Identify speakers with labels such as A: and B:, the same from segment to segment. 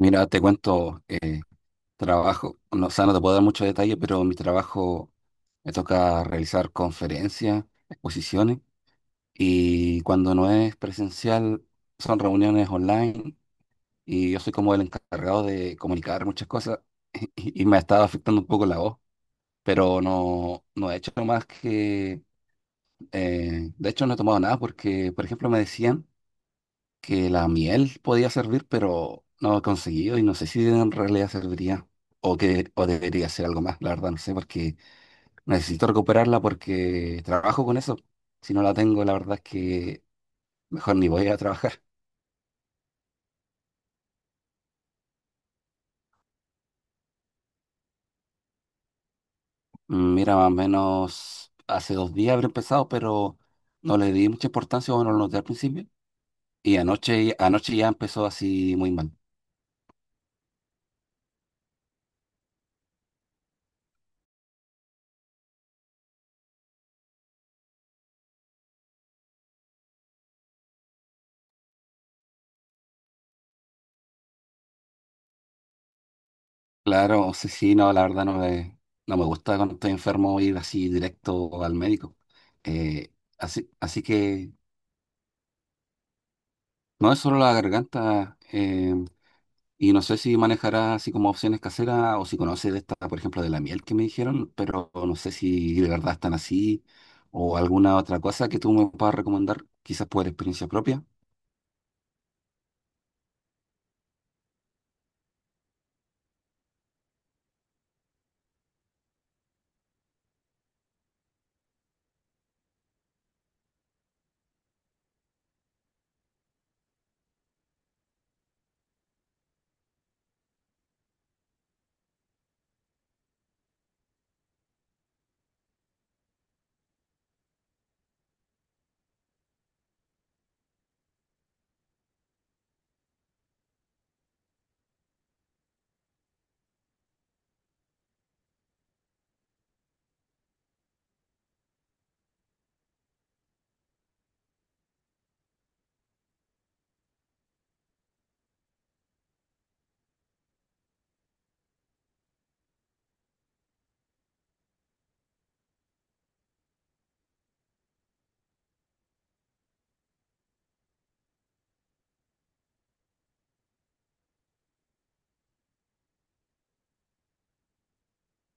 A: Mira, te cuento, trabajo, no, o sea, no te puedo dar mucho detalle, pero mi trabajo me toca realizar conferencias, exposiciones, y cuando no es presencial son reuniones online, y yo soy como el encargado de comunicar muchas cosas. Y me ha estado afectando un poco la voz, pero no, no he hecho más que, de hecho no he tomado nada porque, por ejemplo, me decían que la miel podía servir, pero no he conseguido y no sé si en realidad serviría o que o debería ser algo más, la verdad no sé, porque necesito recuperarla porque trabajo con eso. Si no la tengo, la verdad es que mejor ni voy a trabajar. Mira, más o menos hace 2 días habré empezado, pero no le di mucha importancia o no lo noté al principio. Y anoche ya empezó así muy mal. Claro, sí, sí, no, la verdad no me gusta cuando estoy enfermo ir así directo al médico. Eh, Así, así que no es solo la garganta, y no sé si manejará así como opciones caseras o si conoce de esta, por ejemplo, de la miel que me dijeron, pero no sé si de verdad están así o alguna otra cosa que tú me puedas recomendar, quizás por experiencia propia.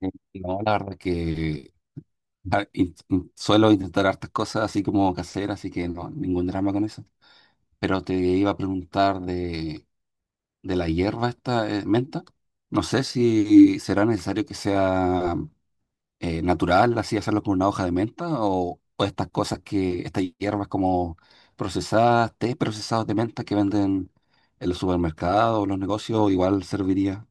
A: No, la verdad que suelo intentar hartas cosas así como caseras, así que no, ningún drama con eso. Pero te iba a preguntar de la hierba esta, menta. No sé si será necesario que sea natural, así hacerlo con una hoja de menta, o estas cosas que, estas hierbas como procesadas, té procesados de menta que venden en los supermercados, los negocios, igual serviría.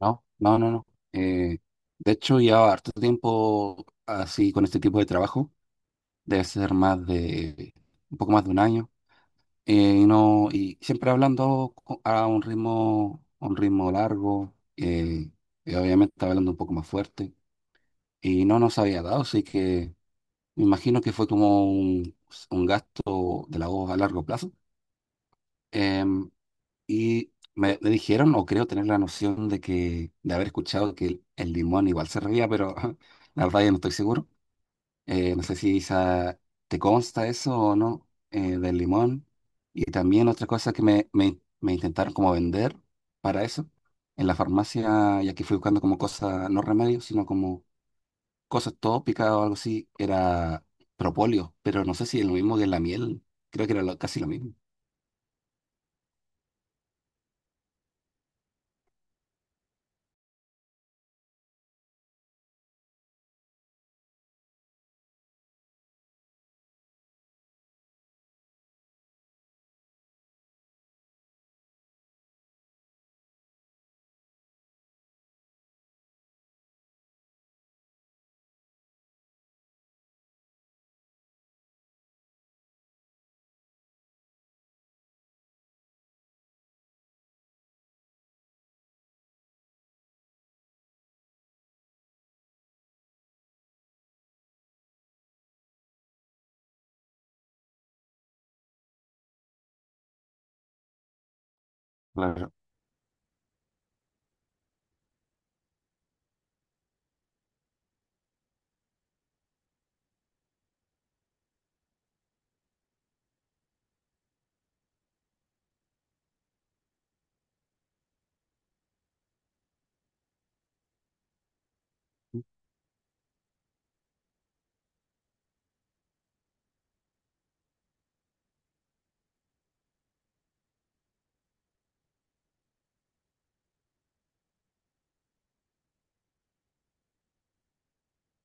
A: No, no, no, no. Eh, de hecho, lleva harto tiempo así con este tipo de trabajo. Debe ser más de un poco más de un año, y no, y siempre hablando a un ritmo largo, y obviamente estaba hablando un poco más fuerte, y no nos había dado, así que me imagino que fue como un gasto de la voz a largo plazo. Em, y me dijeron, o creo tener la noción de que, de haber escuchado que el limón igual se reía, pero la verdad ya no estoy seguro. No sé si esa- Te consta eso o no, del limón. Y también otra cosa que me intentaron como vender para eso, en la farmacia, ya que fui buscando como cosas, no remedios, sino como cosas tópicas o algo así, era propóleo, pero no sé si es lo mismo que la miel, creo que era casi lo mismo. Claro,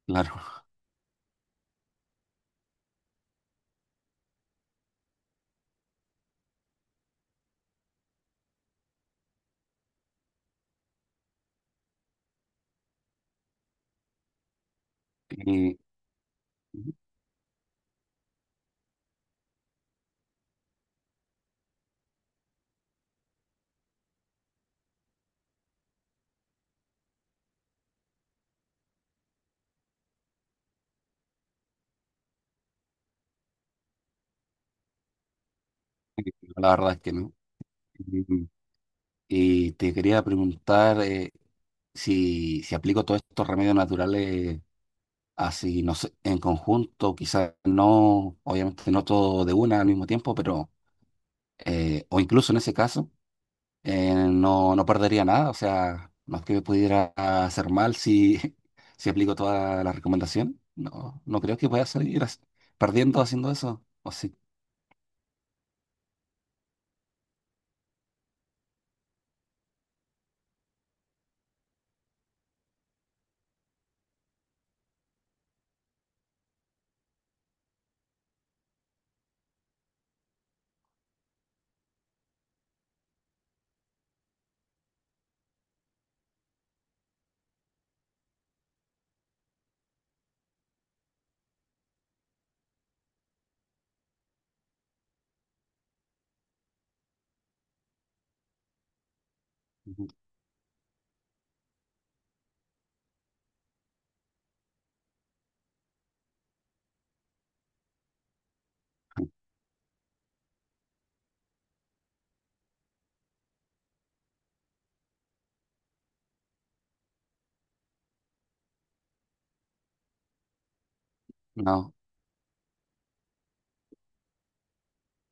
A: claro. Y- y la verdad es que no. Y y te quería preguntar, si, si aplico todos estos remedios naturales, así, no sé, en conjunto, quizás no, obviamente no todo de una al mismo tiempo, pero, o incluso en ese caso, no, no perdería nada, o sea, no es que me pudiera hacer mal si, si aplico toda la recomendación, no, no creo que pueda salir perdiendo haciendo eso, o sí. Ujú. no,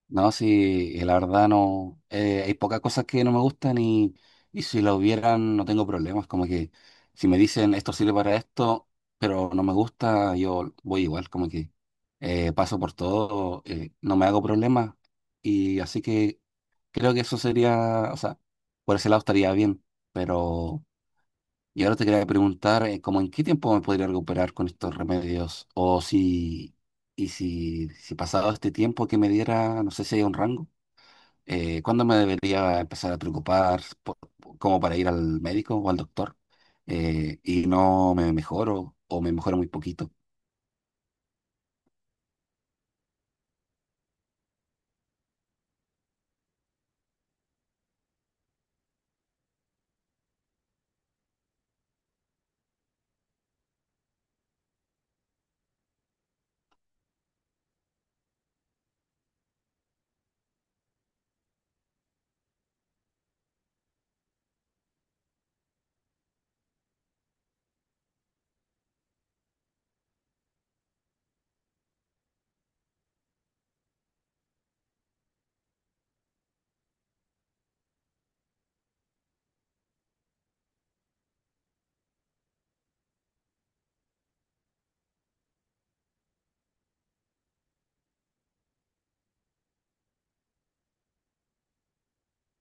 A: No, sí, la verdad no. Hay pocas cosas que no me gustan y si la hubieran no tengo problemas. Como que si me dicen esto sirve para esto, pero no me gusta, yo voy igual. Como que paso por todo, no me hago problemas. Y así que creo que eso sería, o sea, por ese lado estaría bien. Pero y ahora te quería preguntar, ¿cómo en qué tiempo me podría recuperar con estos remedios? O si, y si, si pasado este tiempo que me diera, no sé si hay un rango, ¿cuándo me debería empezar a preocupar por- como para ir al médico o al doctor? Y no me mejoro o me mejoro muy poquito.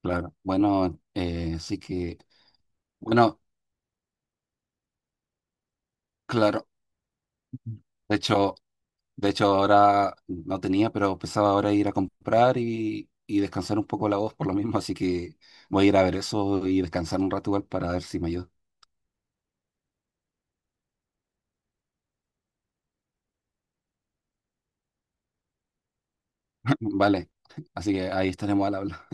A: Claro. Bueno, así que, bueno, claro. De hecho, De hecho, ahora no tenía, pero pensaba ahora ir a comprar y descansar un poco la voz por lo mismo, así que voy a ir a ver eso y descansar un rato igual para ver si me ayuda. Vale, así que ahí estaremos al habla.